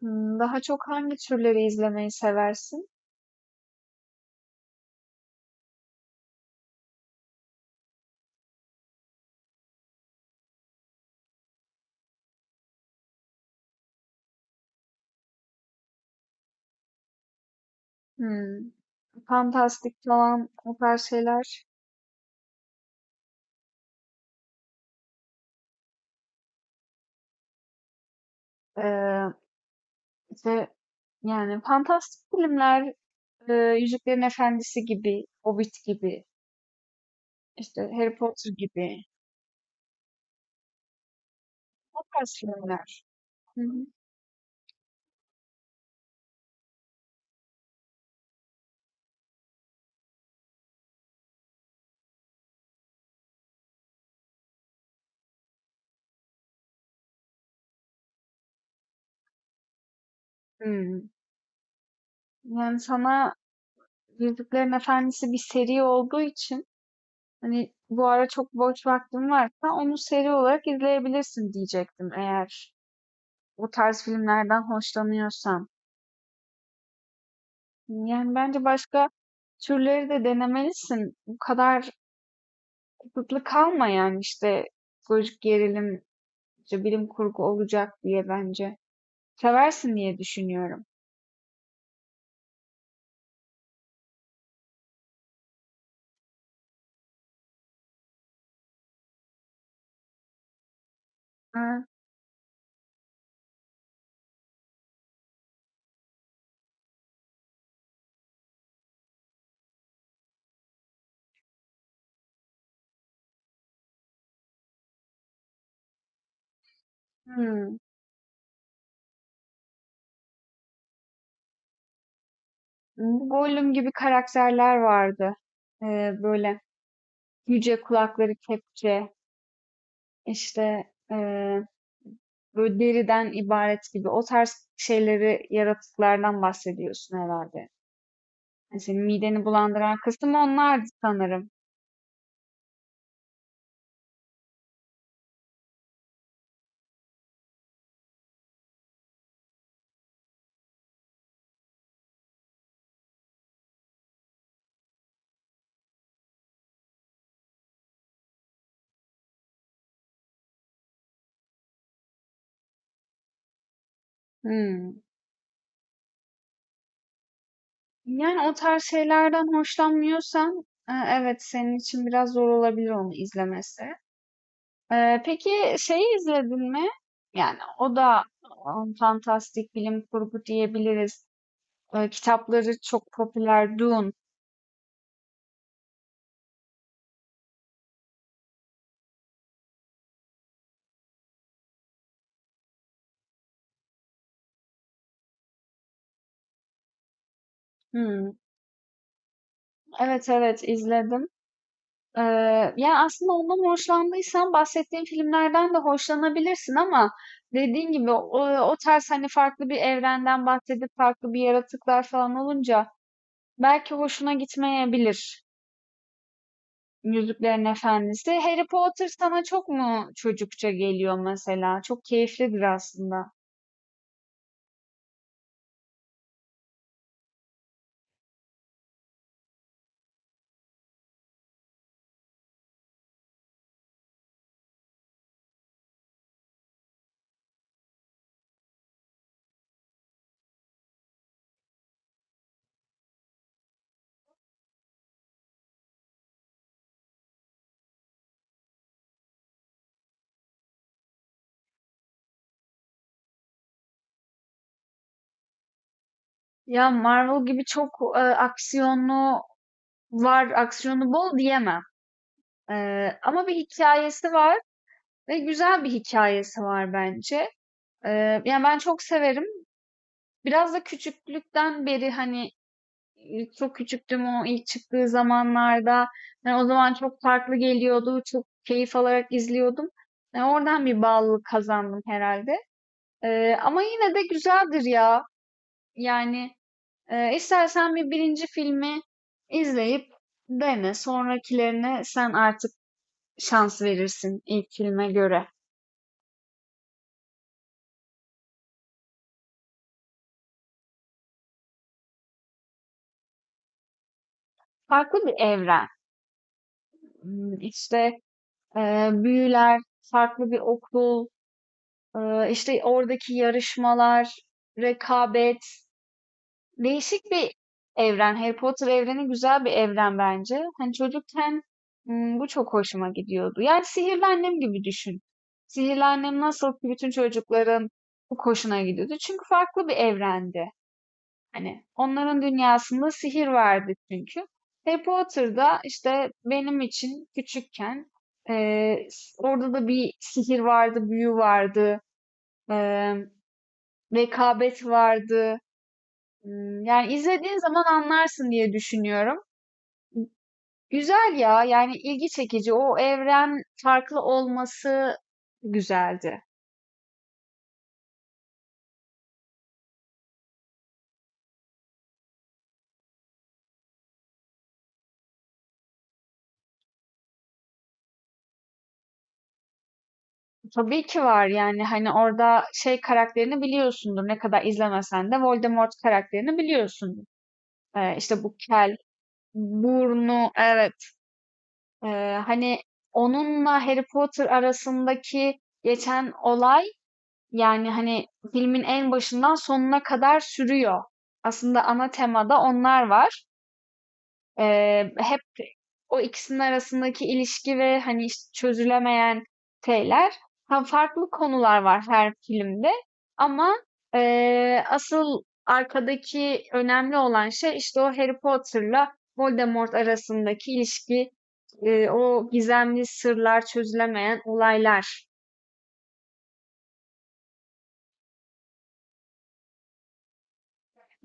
Daha çok hangi türleri izlemeyi seversin? Hımm, fantastik falan o tarz şeyler. Eee, işte, yani, fantastik filmler, Yüzüklerin Efendisi gibi, Hobbit gibi, işte, Harry Potter gibi o tarz filmler. Hı hı. Hımm. Yani, sana Yüzüklerin Efendisi bir seri olduğu için, hani, bu ara çok boş vaktin varsa onu seri olarak izleyebilirsin diyecektim eğer o tarz filmlerden hoşlanıyorsan. Yani bence başka türleri de denemelisin. Bu kadar kısıtlı kalma yani işte psikolojik gerilim, işte bilim kurgu olacak diye bence. Seversin diye düşünüyorum. Ha, hmm. Gollum gibi karakterler vardı. Ee, böyle yüce kulakları kepçe, işte ee, böyle deriden ibaret gibi o tarz şeyleri yaratıklardan bahsediyorsun herhalde. Yani senin mideni bulandıran kısım onlardı sanırım. Hmm. Yani o tarz şeylerden hoşlanmıyorsan evet senin için biraz zor olabilir onu izlemesi. Peki şeyi izledin mi? Yani o da fantastik bilim kurgu diyebiliriz. Kitapları çok popüler. Dune. Hmm, Evet, evet, izledim. E, yani aslında ondan hoşlandıysan bahsettiğim filmlerden de hoşlanabilirsin ama dediğin gibi o, o tarz hani farklı bir evrenden bahsedip farklı bir yaratıklar falan olunca belki hoşuna gitmeyebilir Yüzüklerin Efendisi. Harry Potter sana çok mu çocukça geliyor mesela? Çok keyiflidir aslında. Ya Marvel gibi çok aksiyonlu var, aksiyonu bol diyemem. E, ama bir hikayesi var ve güzel bir hikayesi var bence. E, yani ben çok severim. Biraz da küçüklükten beri hani çok küçüktüm o ilk çıktığı zamanlarda. Hani o zaman çok farklı geliyordu. Çok keyif alarak izliyordum. Yani oradan bir bağlılık kazandım herhalde. Ama yine de güzeldir ya. Yani istersen bir birinci filmi izleyip dene. Sonrakilerine sen artık şans verirsin ilk filme göre. Farklı bir evren. İşte büyüler, farklı bir okul, işte oradaki yarışmalar, rekabet, değişik bir evren. Harry Potter evreni güzel bir evren bence. Hani çocukken bu çok hoşuma gidiyordu. Yani Sihirli Annem gibi düşün. Sihirli Annem nasıl ki bütün çocukların bu hoşuna gidiyordu. Çünkü farklı bir evrendi. Hani onların dünyasında sihir vardı çünkü. Harry Potter'da işte benim için küçükken eee, orada da bir sihir vardı, büyü vardı. Eee Rekabet vardı. Yani izlediğin zaman anlarsın diye düşünüyorum. Güzel ya, yani ilgi çekici. O evren farklı olması güzeldi. Tabii ki var yani, hani, orada şey karakterini biliyorsundur, ne kadar izlemesen de Voldemort karakterini biliyorsundur. İşte bu kel, burnu. Evet. Hani, onunla Harry Potter arasındaki geçen olay yani, hani, filmin en başından sonuna kadar sürüyor. Aslında ana temada onlar var. Hep o ikisinin arasındaki ilişki ve, hani, işte, çözülemeyen şeyler. Ha, farklı konular var her filmde ama, asıl arkadaki önemli olan şey, işte, o Harry Potter'la Voldemort arasındaki ilişki, o gizemli sırlar, çözülemeyen olaylar.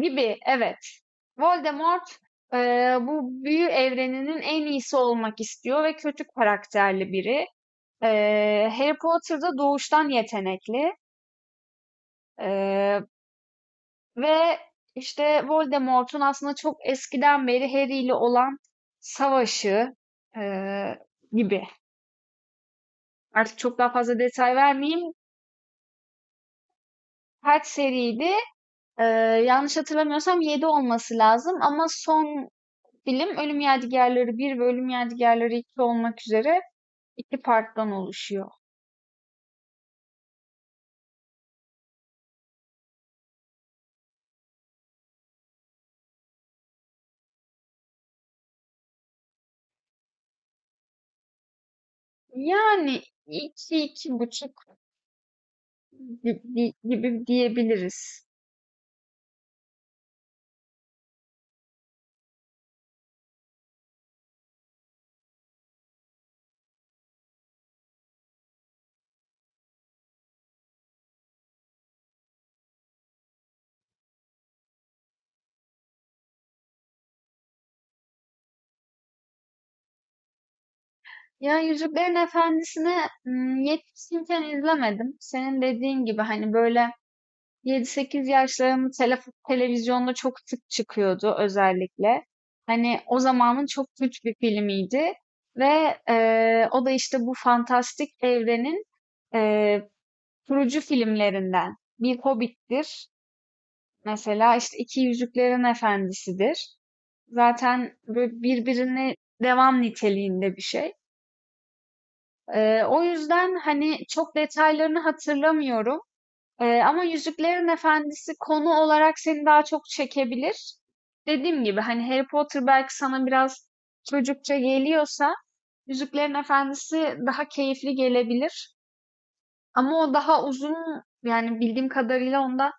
Gibi, evet. Voldemort bu büyü evreninin en iyisi olmak istiyor ve kötü karakterli biri. Harry Potter da doğuştan yetenekli. Eee, ve işte Voldemort'un aslında çok eskiden beri Harry ile olan savaşı eee, gibi. Artık çok daha fazla detay vermeyeyim. Kaç seriydi? Eee, yanlış hatırlamıyorsam 7 olması lazım ama son film Ölüm Yadigarları bir ve Ölüm Yadigarları 2 olmak üzere iki parttan oluşuyor. Yani iki, iki buçuk gibi diyebiliriz. Ya Yüzüklerin Efendisi'ni yetişkinken izlemedim. Senin dediğin gibi hani böyle yedi sekiz yaşlarım televizyonda çok sık çıkıyordu özellikle. Hani o zamanın çok güç bir filmiydi ve o da işte bu fantastik evrenin eee kurucu filmlerinden. Bir Hobbit'tir. Mesela işte İki Yüzüklerin Efendisi'dir. Zaten böyle birbirine devam niteliğinde bir şey. O yüzden hani çok detaylarını hatırlamıyorum. Ama Yüzüklerin Efendisi konu olarak seni daha çok çekebilir. Dediğim gibi hani Harry Potter belki sana biraz çocukça geliyorsa Yüzüklerin Efendisi daha keyifli gelebilir. Ama o daha uzun yani bildiğim kadarıyla ondan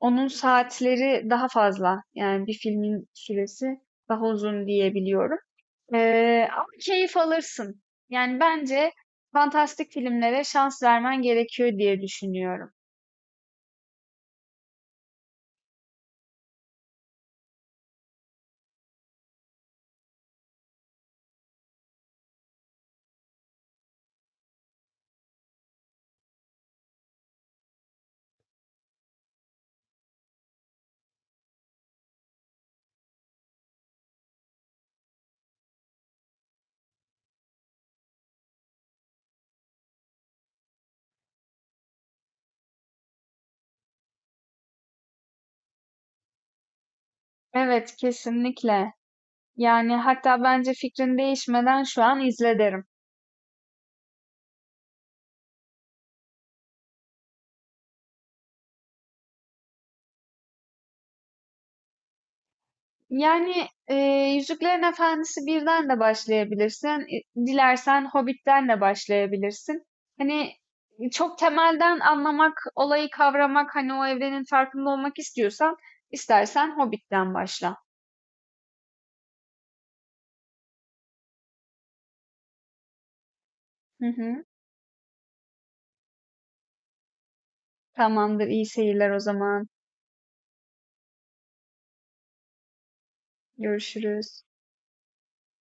onun saatleri daha fazla. Yani bir filmin süresi daha uzun diyebiliyorum. Ama keyif alırsın. Yani bence fantastik filmlere şans vermen gerekiyor diye düşünüyorum. Evet, kesinlikle. Yani hatta bence fikrin değişmeden şu an izle derim. Yani Yüzüklerin Efendisi birden de başlayabilirsin. Dilersen Hobbit'ten de başlayabilirsin. Hani çok temelden anlamak, olayı kavramak, hani o evrenin farkında olmak istiyorsan, istersen Hobbit'ten başla. Hı hı. Tamamdır, iyi seyirler o zaman. Görüşürüz.